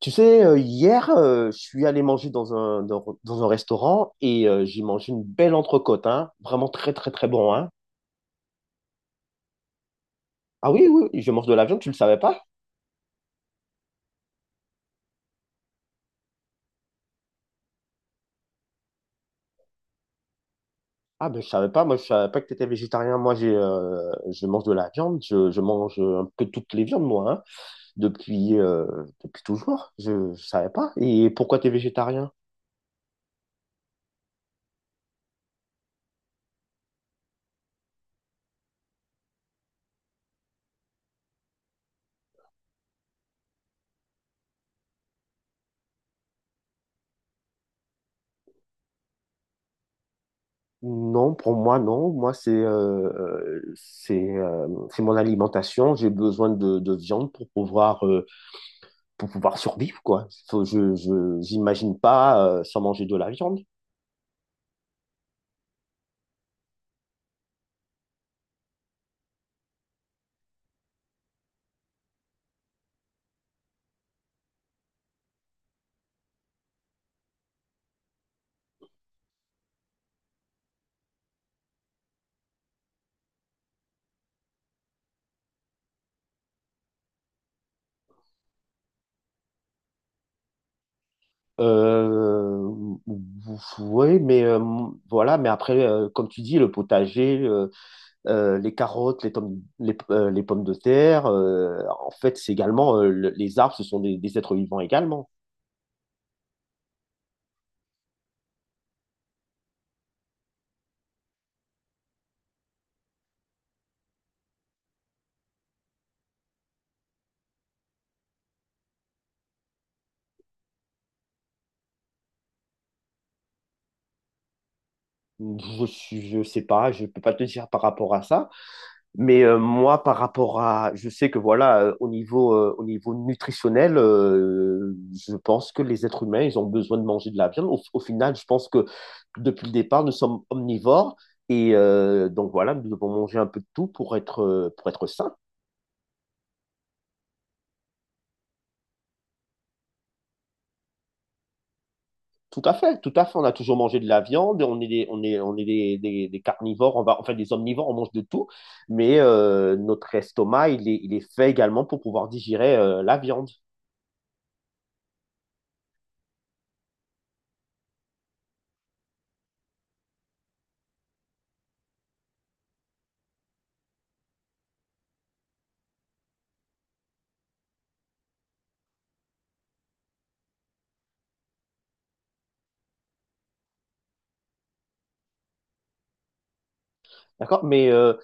Tu sais, hier, je suis allé manger dans dans un restaurant et j'ai mangé une belle entrecôte, hein. Vraiment très, très, très bon, hein. Ah oui, oui, oui, je mange de la viande, tu le savais pas? Ah ben, je savais pas, moi, je savais pas que tu étais végétarien. Moi, je mange de la viande, je mange un peu toutes les viandes, moi, hein, depuis, depuis toujours. Je savais pas. Et pourquoi tu es végétarien? Non, pour moi, non. Moi, c'est mon alimentation. J'ai besoin de viande pour pouvoir survivre, quoi. J'imagine pas sans manger de la viande. Euh, oui, mais voilà, mais après, comme tu dis, le potager, les carottes, les pommes de terre, en fait, c'est également, les arbres, ce sont des êtres vivants également. Je sais pas, je peux pas te dire par rapport à ça. Mais moi, par rapport à, je sais que voilà, au niveau nutritionnel, je pense que les êtres humains, ils ont besoin de manger de la viande. Au final, je pense que depuis le départ, nous sommes omnivores et donc voilà, nous devons manger un peu de tout pour être sains. Tout à fait, tout à fait. On a toujours mangé de la viande, on est des, des carnivores, on va, enfin des omnivores, on mange de tout, mais notre estomac, il est fait également pour pouvoir digérer la viande. D'accord? Mais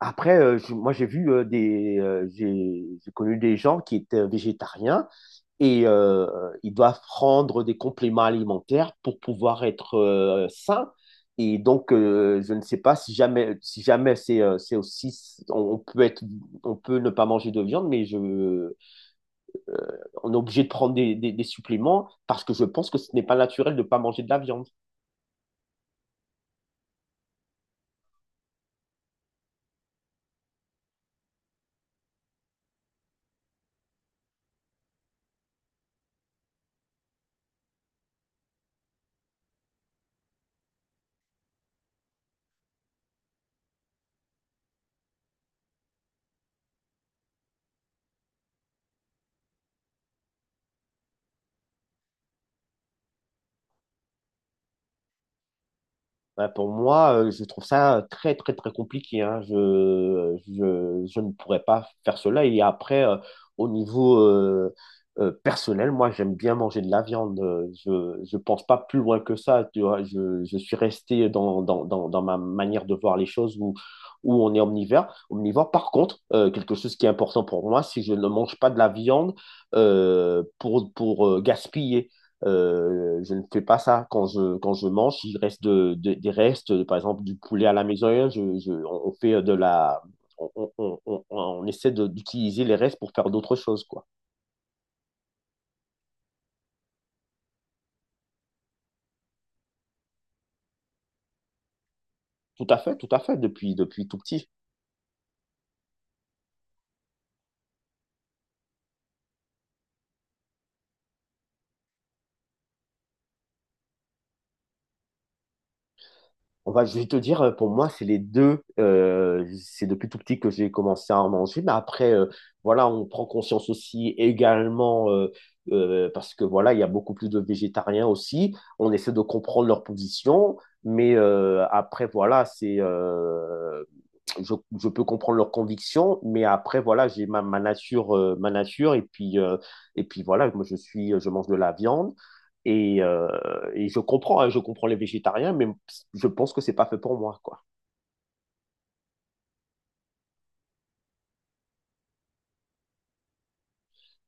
après, moi, j'ai vu j'ai connu des gens qui étaient végétariens et ils doivent prendre des compléments alimentaires pour pouvoir être sains. Et donc, je ne sais pas si jamais, si jamais c'est aussi, on peut être, on peut ne pas manger de viande, mais on est obligé de prendre des suppléments parce que je pense que ce n'est pas naturel de ne pas manger de la viande. Bah, pour moi, je trouve ça très, très, très compliqué, hein. Je ne pourrais pas faire cela. Et après, au niveau personnel, moi, j'aime bien manger de la viande. Je ne pense pas plus loin que ça. Tu vois, je suis resté dans ma manière de voir les choses où, où on est omnivore. Omnivore, par contre, quelque chose qui est important pour moi, si je ne mange pas de la viande pour, gaspiller. Je ne fais pas ça quand je mange. Il reste des restes, par exemple, du poulet à la maison. On on fait on essaie d'utiliser les restes pour faire d'autres choses, quoi. Tout à fait, depuis, depuis tout petit. On va, je vais te dire, pour moi, c'est les deux. C'est depuis tout petit que j'ai commencé à en manger. Mais après, voilà, on prend conscience aussi également, parce que voilà, il y a beaucoup plus de végétariens aussi. On essaie de comprendre leur position. Mais après, voilà, c'est peux comprendre leurs convictions, mais après, voilà, j'ai ma, ma nature, et puis voilà, moi, je mange de la viande, et, euh, et je comprends, hein, je comprends les végétariens, mais je pense que c'est pas fait pour moi, quoi.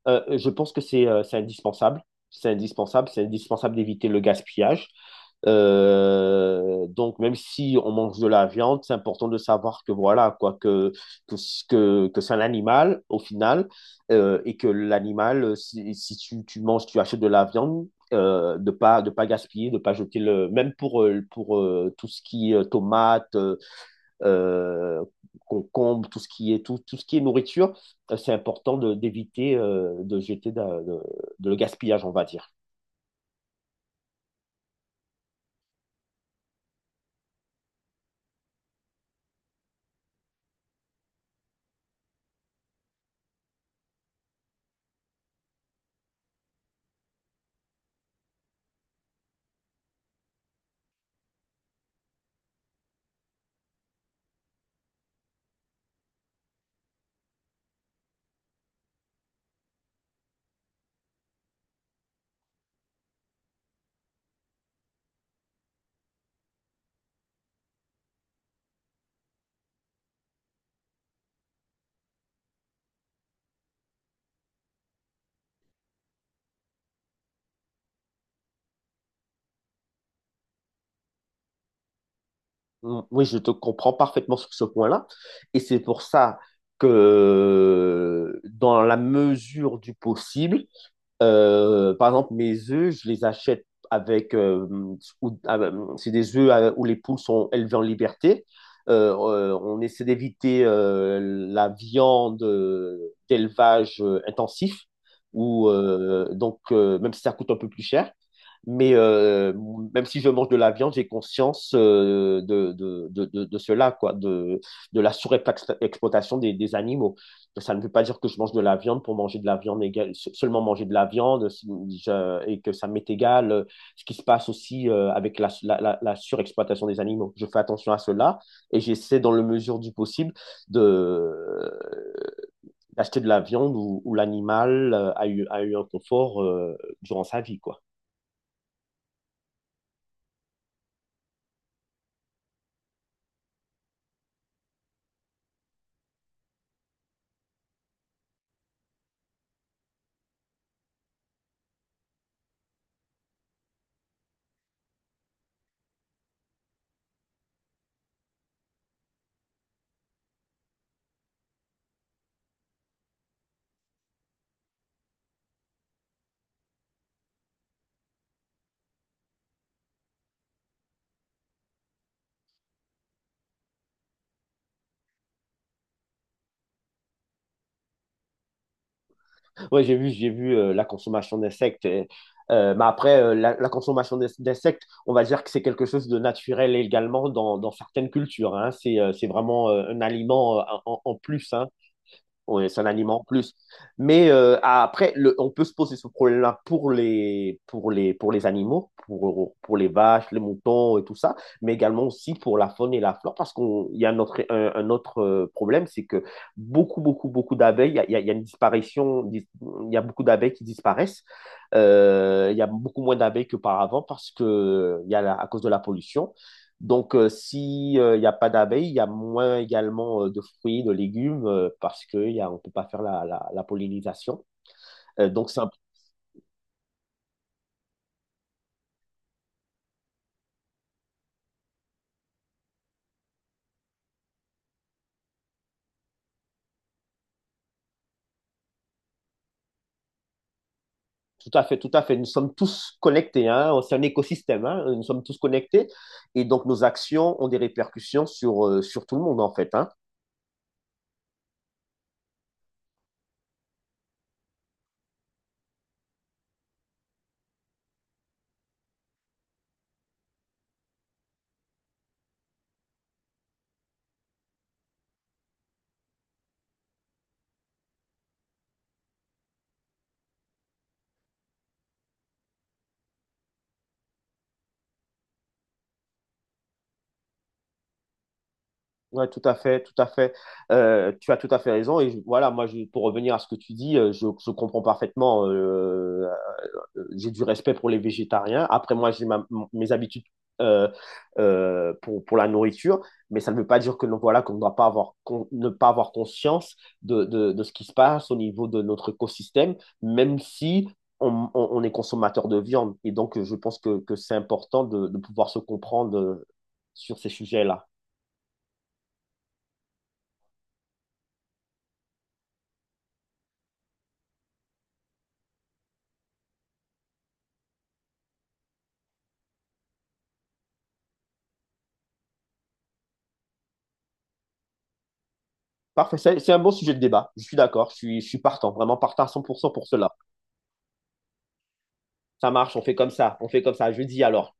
Je pense que c'est indispensable. C'est indispensable. C'est indispensable d'éviter le gaspillage. Donc, même si on mange de la viande, c'est important de savoir que voilà, quoi, que, que c'est un animal au final, et que l'animal, si, si tu, tu manges, tu achètes de la viande, de pas gaspiller, de pas jeter le, même pour, tout ce qui est tomate, euh, concombres, tout ce qui est nourriture, c'est important d'éviter de jeter de le gaspillage, on va dire. Mm, oui, je te comprends parfaitement sur ce point-là. Et c'est pour ça que dans la mesure du possible, par exemple, mes œufs, je les achète avec, ah, ben, c'est des œufs où les poules sont élevées en liberté. On essaie d'éviter la viande d'élevage intensif, ou même si ça coûte un peu plus cher. Mais même si je mange de la viande, j'ai conscience de cela, quoi, de la surexploitation des animaux. Ça ne veut pas dire que je mange de la viande pour manger de la viande égale, seulement manger de la viande et que ça m'est égal ce qui se passe aussi avec surexploitation des animaux. Je fais attention à cela et j'essaie dans la mesure du possible de d'acheter de la viande où, où l'animal a eu un confort durant sa vie, quoi. Oui, j'ai vu la consommation d'insectes. Et, mais après, la, la consommation d'insectes, on va dire que c'est quelque chose de naturel également dans certaines cultures, hein. C'est vraiment un aliment en plus, hein. Ouais, c'est un aliment en plus. Mais après, on peut se poser ce problème-là pour pour les animaux, pour les vaches, les moutons et tout ça, mais également aussi pour la faune et la flore, parce qu'on, il y a un autre, un autre problème, c'est que beaucoup d'abeilles, il y a une il y a beaucoup d'abeilles qui disparaissent. Il y a beaucoup moins d'abeilles qu'auparavant parce que il y a à cause de la pollution. Donc, si s'il n'y a pas d'abeilles, il y a moins également de fruits, de légumes, parce qu'on ne peut pas faire la pollinisation. Euh, donc, c'est un- Tout à fait, tout à fait. Nous sommes tous connectés, hein. C'est un écosystème, hein. Nous sommes tous connectés. Et donc, nos actions ont des répercussions sur, sur tout le monde, en fait, hein. Ouais, tout à fait, tout à fait. Tu as tout à fait raison. Voilà, moi, pour revenir à ce que tu dis, je comprends parfaitement j'ai du respect pour les végétariens. Après, moi, mes habitudes euh, pour la nourriture, mais ça ne veut pas dire que non, voilà, qu'on ne doit pas avoir, ne pas avoir conscience de ce qui se passe au niveau de notre écosystème, même si on est consommateur de viande. Et donc, je pense que c'est important de pouvoir se comprendre sur ces sujets-là. Parfait, c'est un bon sujet de débat. Je suis d'accord, je suis partant, vraiment partant à 100% pour cela. Ça marche, on fait comme ça, on fait comme ça. Jeudi alors.